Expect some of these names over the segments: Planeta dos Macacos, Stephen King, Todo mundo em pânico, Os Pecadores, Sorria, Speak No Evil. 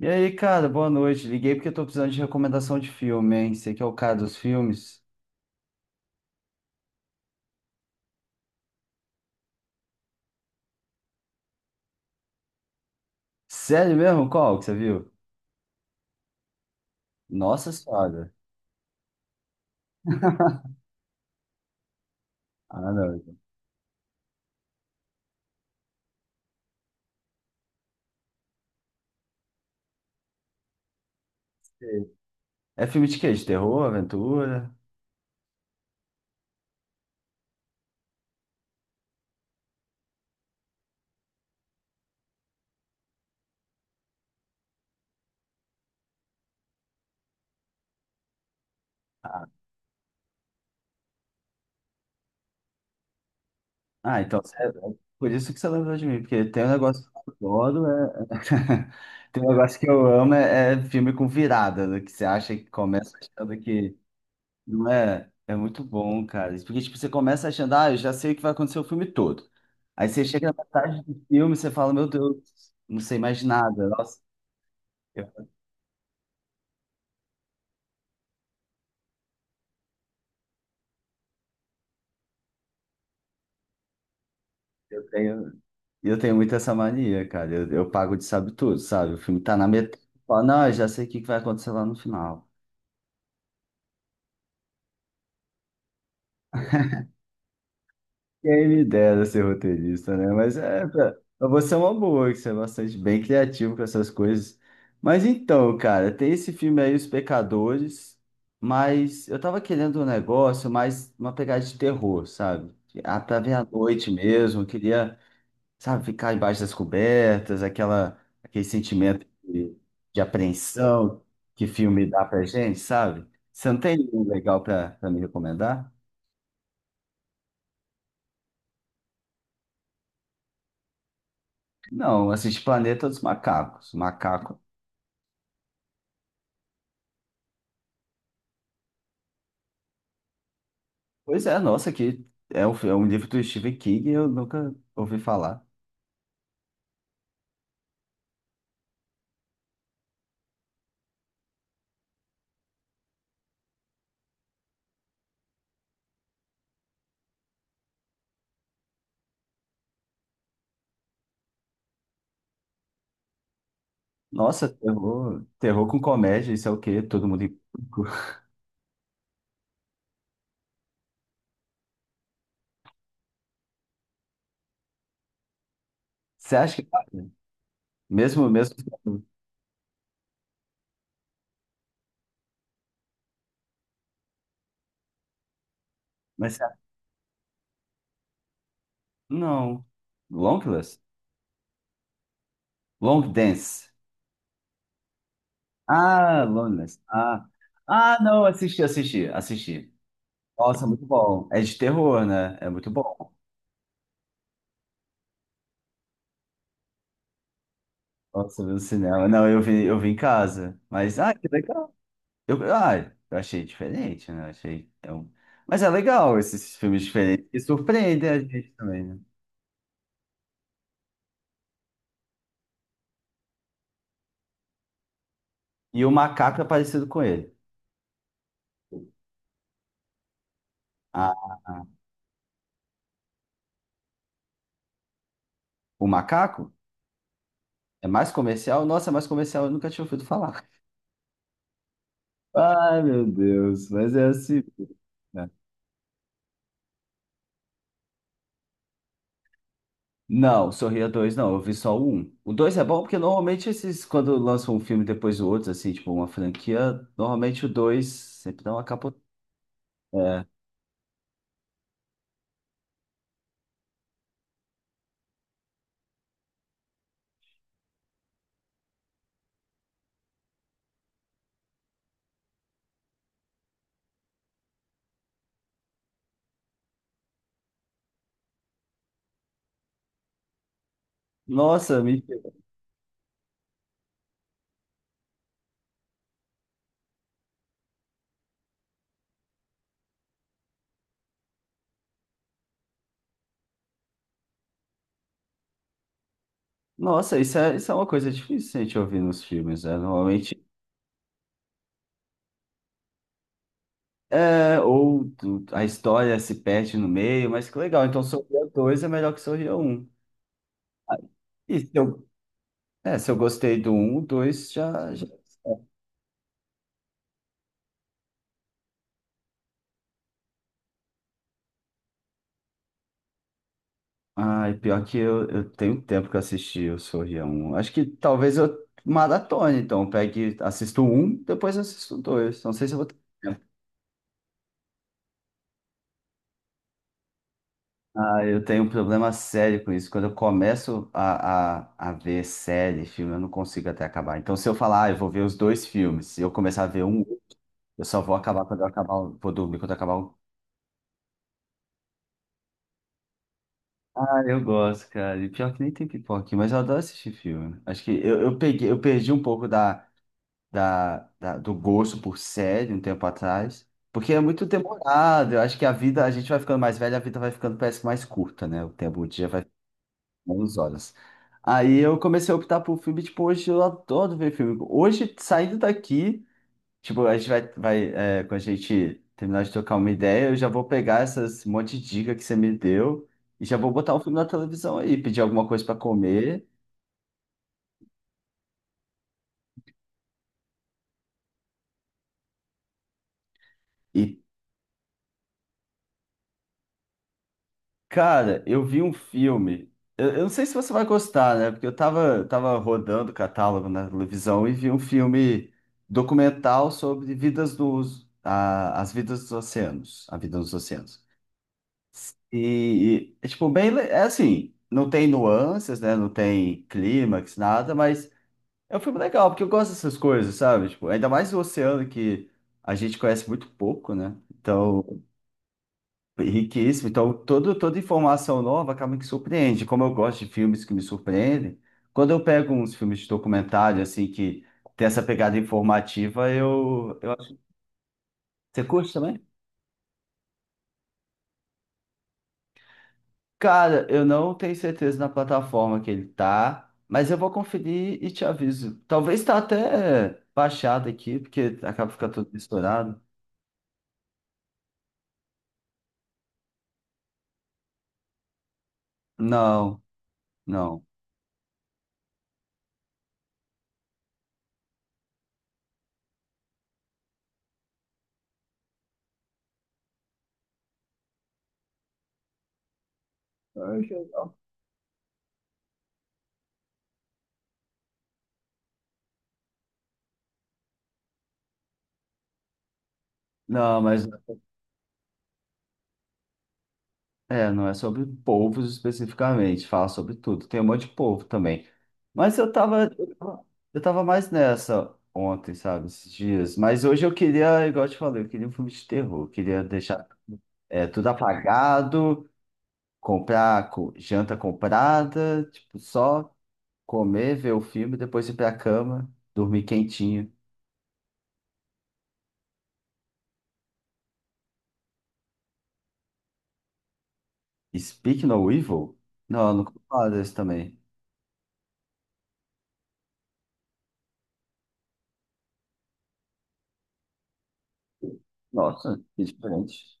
E aí, cara, boa noite. Liguei porque eu tô precisando de recomendação de filme, hein? Você que é o cara dos filmes. Sério mesmo? Qual que você viu? Nossa Senhora. Ah, não. Eu não sei. É filme de quê? De terror, aventura? Ah, ah, então é por isso que você lembrou de mim, porque tem um negócio que eu adoro, é... tem um negócio que eu amo, é filme com virada, né? Que você acha que começa achando que Não é? É muito bom, cara. Porque, tipo, você começa achando, ah, eu já sei o que vai acontecer o filme todo. Aí você chega na metade do filme e você fala, meu Deus, não sei mais nada. Nossa, eu, eu tenho, eu tenho muito essa mania, cara. Eu pago de sabe tudo, sabe? O filme tá na metade. Eu falo, não, eu já sei o que que vai acontecer lá no final. Quem me dera ser roteirista, né? Mas é, pra você é uma boa, que você é bastante bem criativo com essas coisas. Mas então, cara, tem esse filme aí, Os Pecadores, mas eu tava querendo um negócio mais uma pegada de terror, sabe? Ah, pra ver à noite mesmo, eu queria, sabe, ficar embaixo das cobertas, aquela, aquele sentimento de apreensão que filme dá pra gente, sabe? Você não tem nenhum legal pra me recomendar? Não, assisti Planeta dos Macacos. Macaco. Pois é, nossa, que é um livro do Stephen King eu nunca ouvi falar. Nossa, terror, terror com comédia, isso é o quê? Todo mundo em pânico. Você acha que vale? Mesmo, mesmo, mas você acha- não. Longless? Long Dance. Ah, Loneliness. Ah, não, assisti. Nossa, muito bom. É de terror, né? É muito bom. Nossa, eu vi no cinema. Não, eu vi em casa. Mas, ah, que legal. Eu, ah, eu achei diferente, né? Eu achei, é um- Mas é legal esses filmes diferentes que surpreendem a gente também, né? E o macaco é parecido com ele. Ah, o macaco é mais comercial? Nossa, é mais comercial, eu nunca tinha ouvido falar. Ai, meu Deus, mas é assim. Né? Não, Sorria dois não, eu vi só o 1. O 2 é bom porque normalmente esses, quando lançam um filme depois do outro, assim, tipo uma franquia, normalmente o 2 sempre dá uma capotada. É. Nossa, me Nossa, isso é uma coisa difícil a gente ouvir nos filmes, né? Normalmente é, ou tu- a história se perde no meio, mas que legal. Então, Sorria dois é melhor que Sorria um. Ah, E se eu, é, se eu gostei do um o 2 já, já. Ai, pior que eu tenho tempo que eu assisti o Sorria um. Acho que talvez eu maratone, então. Pegue, assisto um depois assisto o 2. Não sei se eu vou Ah, eu tenho um problema sério com isso. Quando eu começo a ver série, filme, eu não consigo até acabar. Então, se eu falar, ah, eu vou ver os dois filmes, se eu começar a ver um, eu só vou acabar quando eu acabar, o- vou dormir quando eu acabar um. Ah, eu gosto, cara. E pior que nem tem pipoca aqui, mas eu adoro assistir filme. Acho que eu perdi um pouco da do gosto por série um tempo atrás, porque é muito demorado. Eu acho que a vida, a gente vai ficando mais velho, a vida vai ficando, parece mais curta, né? O tempo, o dia vai 11 horas. Aí eu comecei a optar por filme, tipo, hoje eu adoro ver filme. Hoje, saindo daqui, tipo, vai é, quando a gente terminar de trocar uma ideia, eu já vou pegar essas um monte de dica que você me deu e já vou botar um filme na televisão aí, pedir alguma coisa pra comer. E, cara, eu vi um filme, eu não sei se você vai gostar, né? Porque eu tava rodando o catálogo na televisão e vi um filme documental sobre as vidas dos oceanos, a vida nos oceanos. E, é tipo, bem, é assim, não tem nuances, né? Não tem clímax, nada, mas é um filme legal, porque eu gosto dessas coisas, sabe? Tipo, ainda mais o oceano que a gente conhece muito pouco, né? Então, é riquíssimo. Então, toda informação nova acaba que surpreende. Como eu gosto de filmes que me surpreendem, quando eu pego uns filmes de documentário, assim, que tem essa pegada informativa, eu... Você curte também? Cara, eu não tenho certeza na plataforma que ele tá, mas eu vou conferir e te aviso. Talvez tá até baixado aqui, porque acaba ficando tudo misturado. Não, não. Não, mas é, não é sobre povos especificamente, fala sobre tudo. Tem um monte de povo também. Mas eu tava mais nessa ontem, sabe, esses dias. Mas hoje eu queria, igual eu te falei, eu queria um filme de terror. Eu queria deixar é, tudo apagado, comprar co- janta comprada, tipo, só comer, ver o filme, depois ir pra cama, dormir quentinho. Speak No Evil? Não, eu nunca ouvi falar desse também. Nossa, que diferente.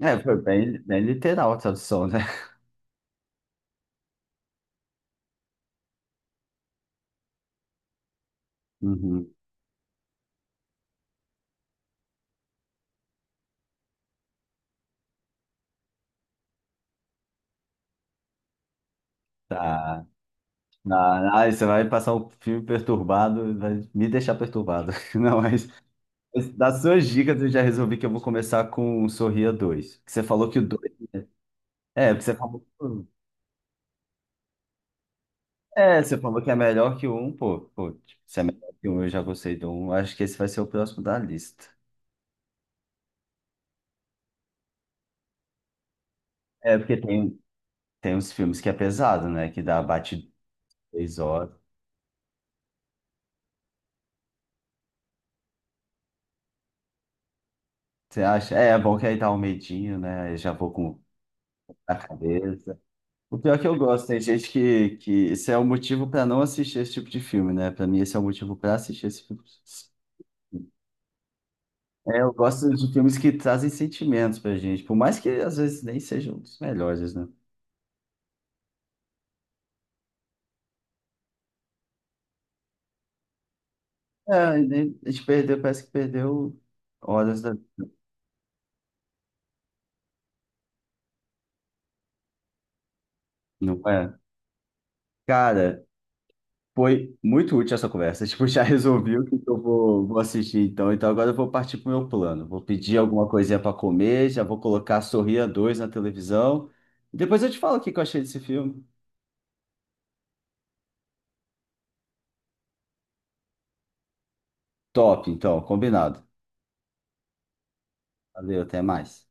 É, foi bem literal a tradução, né? Uhum, tá. Ah, aí você vai passar um filme perturbado, vai me deixar perturbado. Não, mas das suas dicas eu já resolvi que eu vou começar com o Sorria dois. Que você falou que o 2 É, porque você falou. É, você falou que é melhor que um, pô. Pô, tipo, se é melhor que um, eu já gostei do um. Acho que esse vai ser o próximo da lista. É, tem uns filmes que é pesado, né? Que dá bate 3 horas. Você acha? É, é bom que aí dá um medinho, né? Eu já vou com a cabeça. O pior é que eu gosto, tem gente que esse é o motivo pra não assistir esse tipo de filme, né? Pra mim, esse é o motivo pra assistir esse filme. É, eu gosto de filmes que trazem sentimentos pra gente, por mais que às vezes nem sejam os melhores, né? É, a gente perdeu, parece que perdeu horas da. Não é? Cara, foi muito útil essa conversa. Tipo, já resolvi o que eu vou assistir então. Então agora eu vou partir pro meu plano. Vou pedir alguma coisinha para comer, já vou colocar Sorria dois na televisão. E depois eu te falo o que que eu achei desse filme. Top, então, combinado. Valeu, até mais.